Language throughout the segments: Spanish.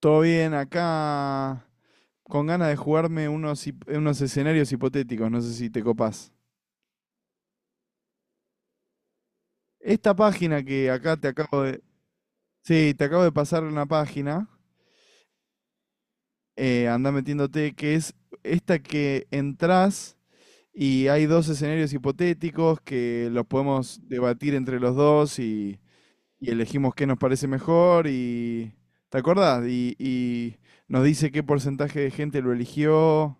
Todo bien, acá con ganas de jugarme unos, unos escenarios hipotéticos, no sé si te copás. Esta página que acá te acabo de... Sí, te acabo de pasar una página. Andá metiéndote, que es esta que entrás y hay dos escenarios hipotéticos que los podemos debatir entre los dos y elegimos qué nos parece mejor y... ¿Te acordás? Y nos dice qué porcentaje de gente lo eligió.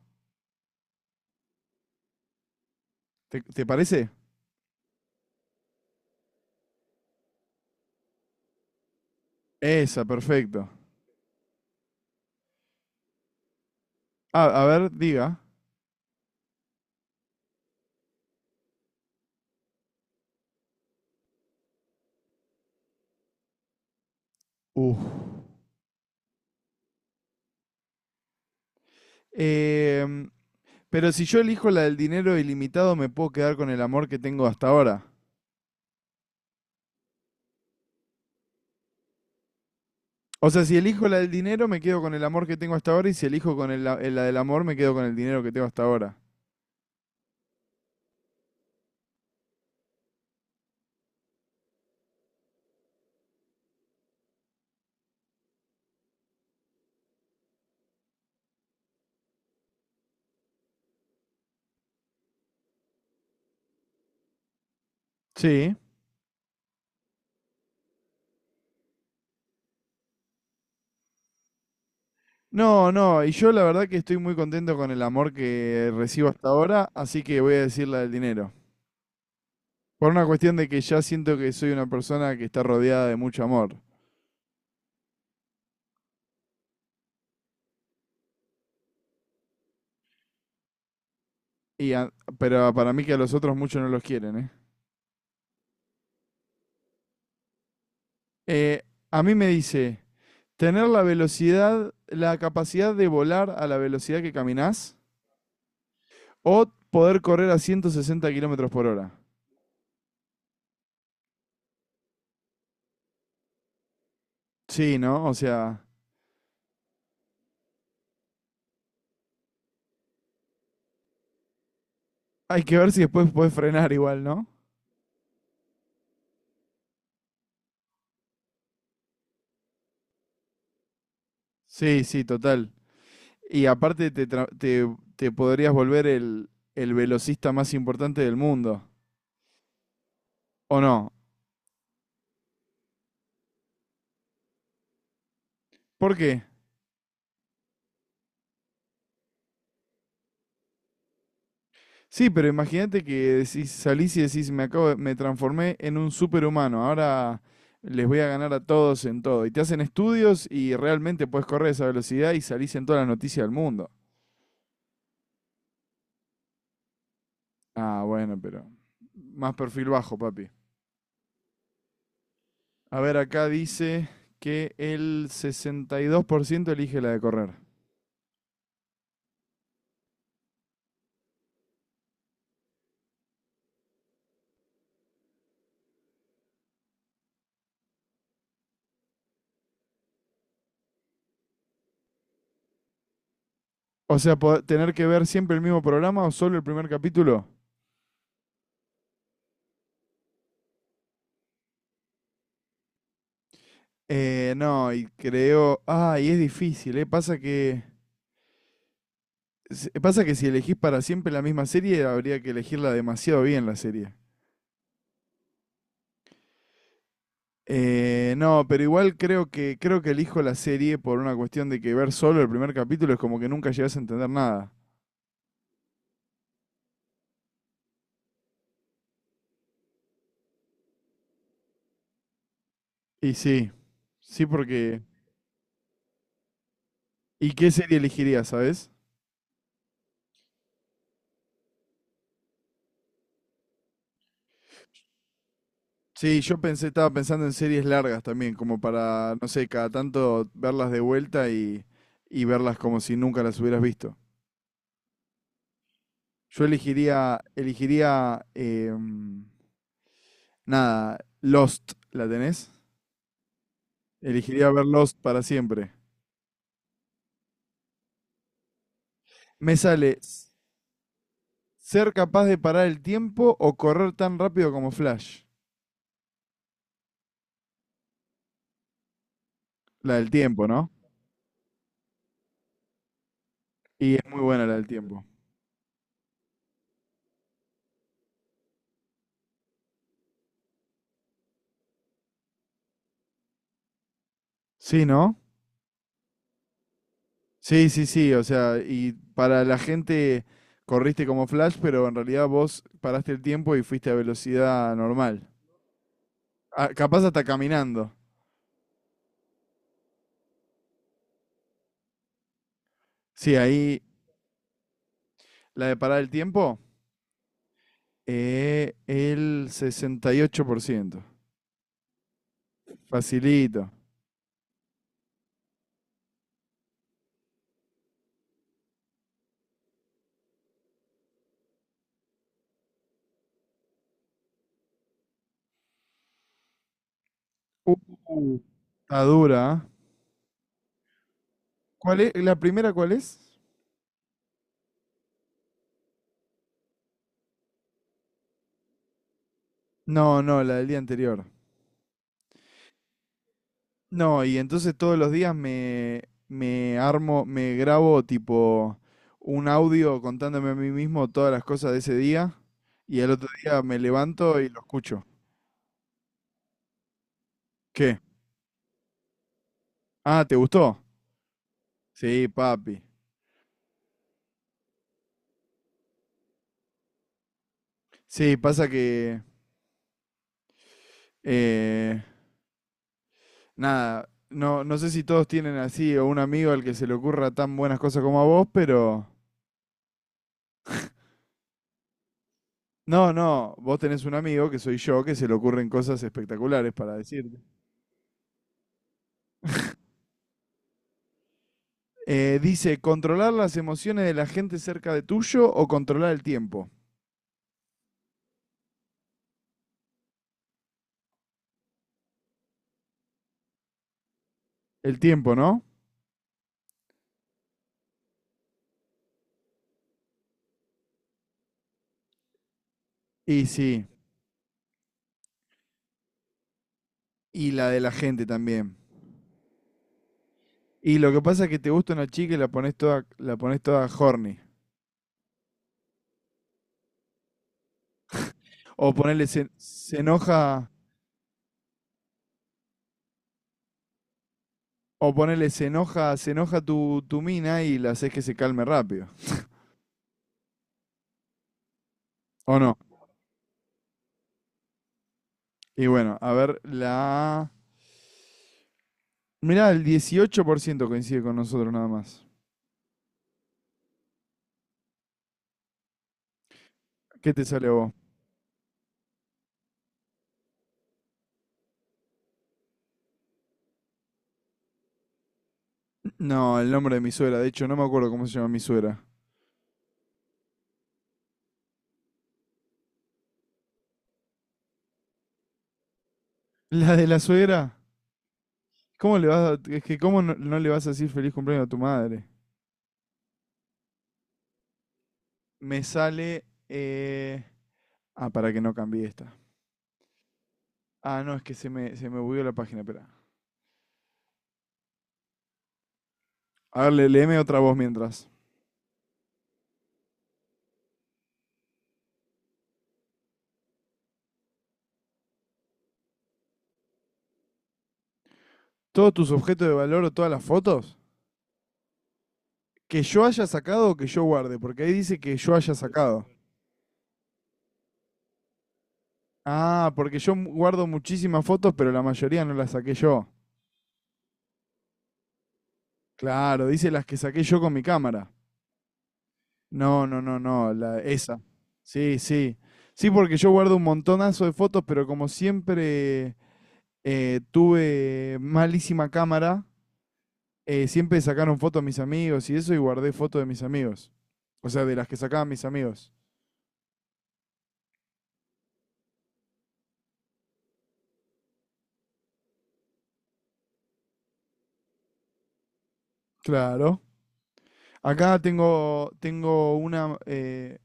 ¿Te parece? Esa, perfecto. A ver, diga. Uf. Em, pero si yo elijo la del dinero ilimitado, me puedo quedar con el amor que tengo hasta ahora. O sea, si elijo la del dinero, me quedo con el amor que tengo hasta ahora. Y si elijo con la del amor, me quedo con el dinero que tengo hasta ahora. Sí. No, no. Y yo la verdad que estoy muy contento con el amor que recibo hasta ahora, así que voy a decir la del dinero. Por una cuestión de que ya siento que soy una persona que está rodeada de mucho amor. Y a- pero para mí que a los otros muchos no los quieren, ¿eh? Eh, a mí me dice, tener la velocidad, la capacidad de volar a la velocidad que caminás o poder correr a 160 kilómetros por hora. Sí, ¿no? O sea, hay que ver si después puedes frenar igual, ¿no? Sí, sí, total. Y aparte te podrías volver el velocista más importante del mundo. ¿O no? ¿Por qué? Sí, pero imagínate que decís, salís y decís, me transformé en un superhumano, ahora les voy a ganar a todos en todo. Y te hacen estudios y realmente puedes correr a esa velocidad y salís en todas las noticias del mundo. Ah, bueno, pero más perfil bajo, papi. A ver, acá dice que el 62 por ciento elige la de correr. O sea, tener que ver siempre el mismo programa o solo el primer capítulo. No, y creo... Ah, y es difícil, ¿eh? Pasa que... Pasa que si elegís para siempre la misma serie, habría que elegirla demasiado bien la serie. No, pero igual creo que elijo la serie por una cuestión de que ver solo el primer capítulo es como que nunca llegás a entender nada. Y sí, sí porque... ¿Y qué serie elegirías, sabes? Sí, yo pensé, estaba pensando en series largas también, como para, no sé, cada tanto verlas de vuelta y verlas como si nunca las hubieras visto. Yo elegiría, elegiría, nada, Lost, ¿la tenés? Elegiría ver Lost para siempre. Me sale s- ser capaz de parar el tiempo o correr tan rápido como Flash. La del tiempo, ¿no? Y es muy buena la del tiempo. Sí, ¿no? Sí, sí, sí. O sea, y para la gente corriste como Flash, pero en realidad vos paraste el tiempo y fuiste a velocidad normal. Ah, capaz hasta caminando. Sí, ahí la de parar el tiempo, el 68 por ciento. Facilito. Uh, está dura, ¿ah? ¿Cuál es? ¿La primera cuál es? No, no, la del día anterior. No, y entonces todos los días me armo, me grabo tipo un audio contándome a mí mismo todas las cosas de ese día y el otro día me levanto y lo escucho. ¿Qué? Ah, ¿te gustó? Sí, papi. Sí, pasa que... eh, nada, no, no sé si todos tienen así o un amigo al que se le ocurra tan buenas cosas como a vos, pero... No, no, vos tenés un amigo que soy yo que se le ocurren cosas espectaculares para decirte. Dice, ¿controlar las emociones de la gente cerca de tuyo o controlar el tiempo? El tiempo, ¿no? Y sí, y la de la gente también. Y lo que pasa es que te gusta una chica y la pones toda horny. O ponerle se, se enoja, o ponerle se enoja tu mina y la haces que se calme rápido. ¿O no? Y bueno, a ver, la... Mirá, el 18% coincide con nosotros nada más. ¿Qué te sale a vos? No, el nombre de mi suegra. De hecho, no me acuerdo cómo se llama mi suegra. ¿La de la suegra? ¿Cómo le vas a, es que cómo no, no le vas a decir feliz cumpleaños a tu madre? Me sale... eh, ah, para que no cambie esta. Ah, no, es que se me bugueó la página, espera. A ver, léeme otra voz mientras. ¿Todos tus objetos de valor o todas las fotos? ¿Que yo haya sacado o que yo guarde? Porque ahí dice que yo haya sacado. Ah, porque yo guardo muchísimas fotos, pero la mayoría no las saqué yo. Claro, dice las que saqué yo con mi cámara. No, no, no, no, la, esa. Sí, sí. Sí, porque yo guardo un montonazo de fotos, pero como siempre tuve malísima cámara, siempre sacaron fotos mis amigos y eso, y guardé fotos de mis amigos. O sea, de las que sacaban mis amigos. Claro. Acá tengo, tengo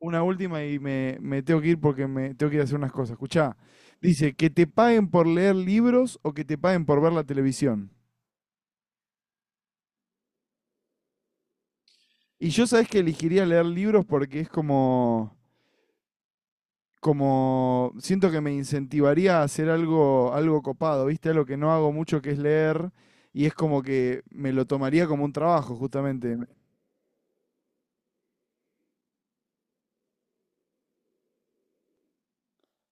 una última y me tengo que ir porque me tengo que ir a hacer unas cosas. Escuchá, dice, que te paguen por leer libros o que te paguen por ver la televisión. Y yo sabes que elegiría leer libros porque es como, como, siento que me incentivaría a hacer algo, algo copado, ¿viste? Algo que no hago mucho que es leer y es como que me lo tomaría como un trabajo, justamente.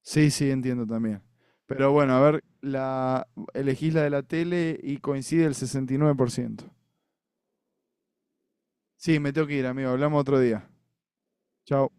Sí, sí, entiendo también. Pero bueno, a ver, la, elegís la de la tele y coincide el 69 por ciento. Sí, me tengo que ir, amigo. Hablamos otro día. Chao.